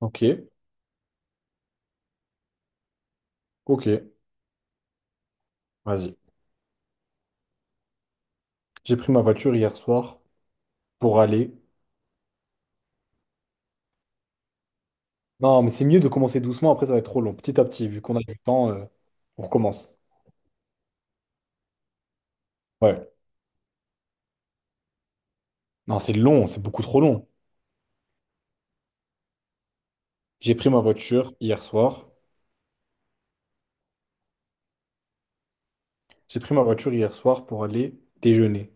Ok, ok, vas-y. J'ai pris ma voiture hier soir pour aller. Non, mais c'est mieux de commencer doucement, après ça va être trop long. Petit à petit, vu qu'on a du temps, on recommence. Ouais. Non, c'est long, c'est beaucoup trop long. J'ai pris ma voiture hier soir. J'ai pris ma voiture hier soir pour aller déjeuner.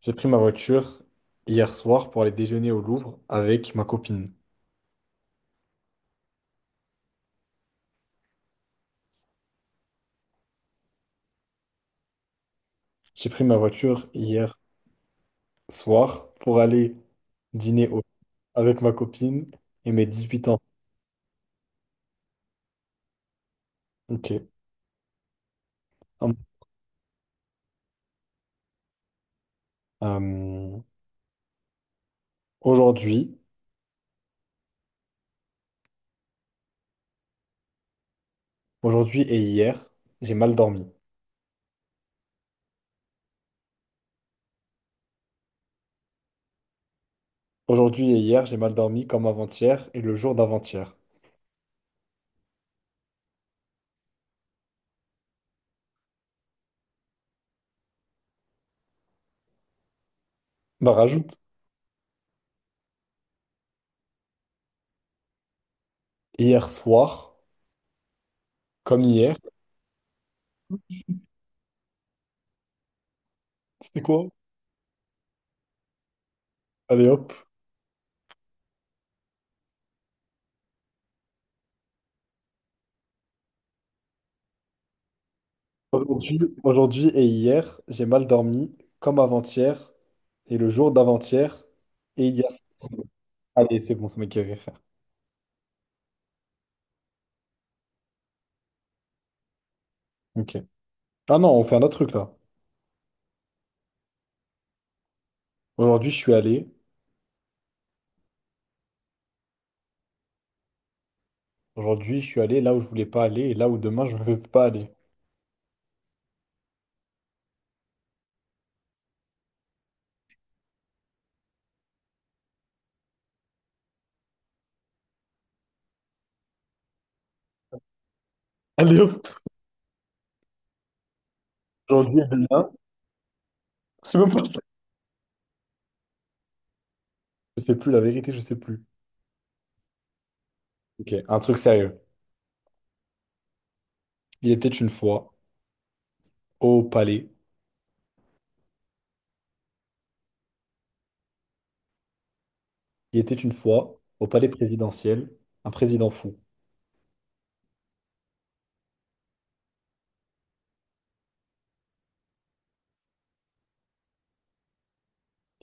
J'ai pris ma voiture hier soir pour aller déjeuner au Louvre avec ma copine. J'ai pris ma voiture hier soir pour aller dîner au- avec ma copine et mes 18 ans. Ok. Hum. Euh, Aujourd'hui, aujourd'hui, et hier, j'ai mal dormi. Aujourd'hui et hier, j'ai mal dormi comme avant-hier et le jour d'avant-hier. Bah rajoute, hier soir, comme hier, c'était quoi? Allez hop. Aujourd'hui, et hier, j'ai mal dormi comme avant-hier et le jour d'avant-hier et il y a... Allez, c'est bon, ça m'a guéri, frère. Ok. Ah non, on fait un autre truc là. Aujourd'hui, je suis allé. Aujourd'hui, je suis allé là où je voulais pas aller et là où demain, je ne veux pas aller. Allez hop. Aujourd'hui et demain. C'est même pas ça. Je sais plus, la vérité, je sais plus. Ok, un truc sérieux. Il était une fois au palais. Il était une fois au palais présidentiel, un président fou.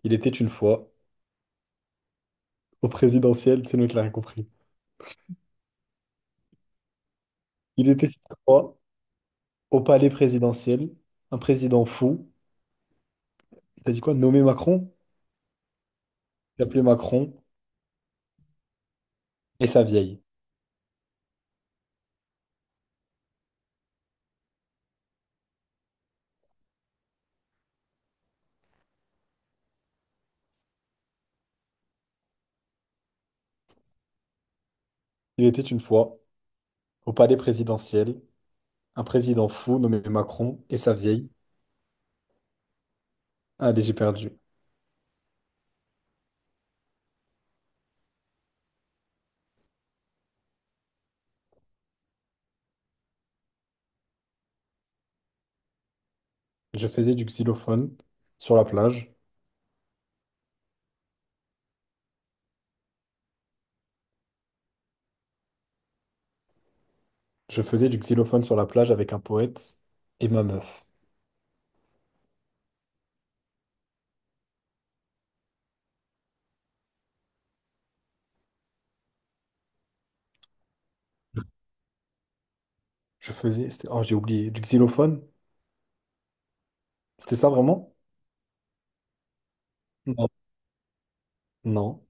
Il était une fois au présidentiel, c'est nous qui l'a rien compris. Il était une fois au palais présidentiel, un président fou. T'as dit quoi? Nommé Macron? Il appelé Macron et sa vieille. Il était une fois au palais présidentiel, un président fou nommé Macron et sa vieille. Allez, j'ai perdu. Je faisais du xylophone sur la plage. Je faisais du xylophone sur la plage avec un poète et ma meuf. Oh, j'ai oublié. Du xylophone? C'était ça vraiment? Non. Non.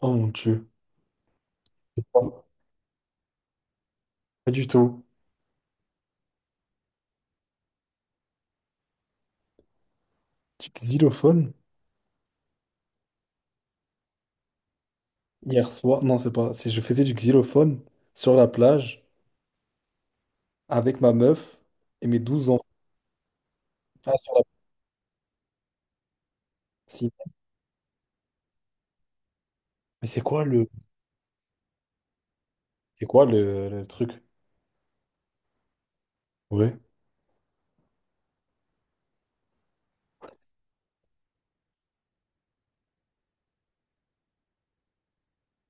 Oh mon Dieu. Oh, pas du tout. Du xylophone? Hier soir. Non, c'est pas. C'est je faisais du xylophone sur la plage avec ma meuf et mes 12 enfants. Ah, sur la piscine. Mais c'est quoi le. C'est quoi le truc? Ouais.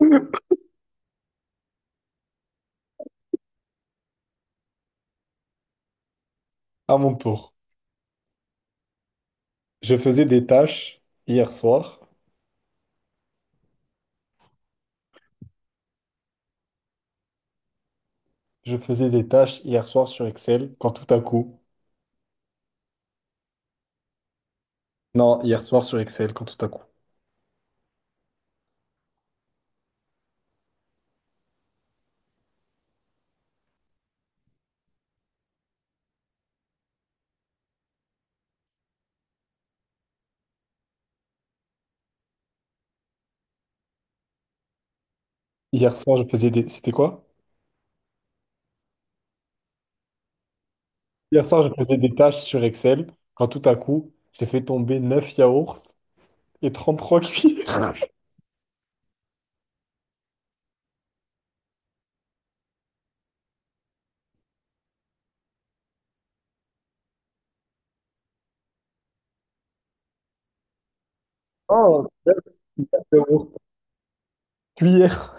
À mon tour. Je faisais des tâches hier soir. Je faisais des tâches hier soir sur Excel quand tout à coup. Non, hier soir sur Excel, quand tout à coup. Hier soir, je faisais des... C'était quoi? Hier soir, je faisais des tâches sur Excel, quand tout à coup, j'ai fait tomber 9 yaourts et 33 cuillères. Oh, 9 yaourts. Cuillères.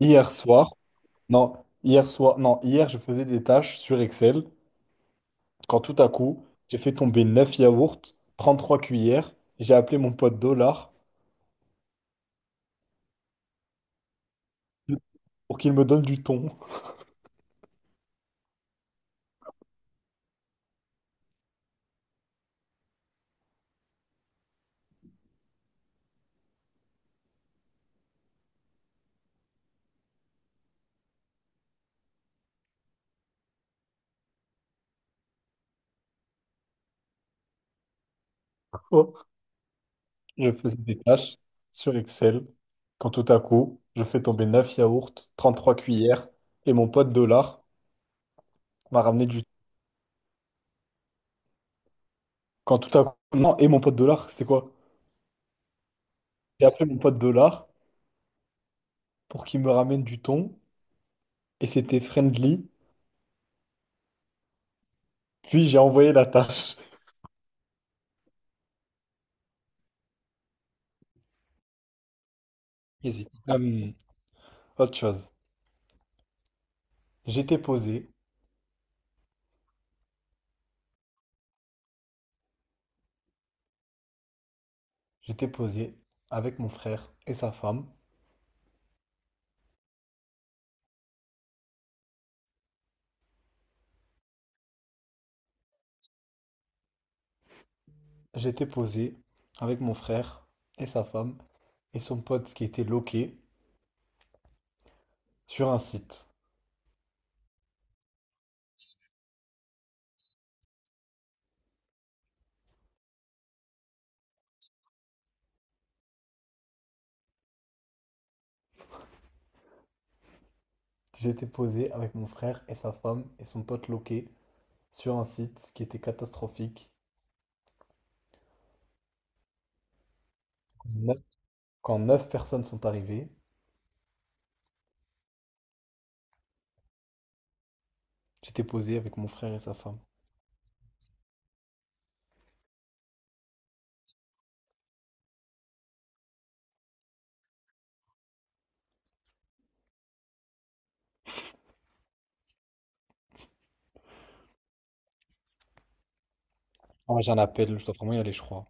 Hier soir, non, hier soir, non, hier, je faisais des tâches sur Excel, quand tout à coup, j'ai fait tomber 9 yaourts, 33 cuillères, j'ai appelé mon pote Dollar pour qu'il me donne du thon. Oh, je faisais des tâches sur Excel quand tout à coup, je fais tomber 9 yaourts, 33 cuillères et mon pote dollar m'a ramené du. Quand tout à coup, non, et mon pote dollar, c'était quoi? J'ai appelé mon pote dollar pour qu'il me ramène du thon et c'était friendly. Puis j'ai envoyé la tâche. Easy. Autre chose. J'étais posé, j'étais posé avec mon frère et sa femme. J'étais posé avec mon frère et sa femme et son pote qui était loqué sur un site. J'étais posé avec mon frère et sa femme et son pote loqué sur un site qui était catastrophique. Neuf- Quand 9 personnes sont arrivées, j'étais posé avec mon frère et sa femme. Ah, ouais, j'ai un appel, je dois vraiment y aller, je crois.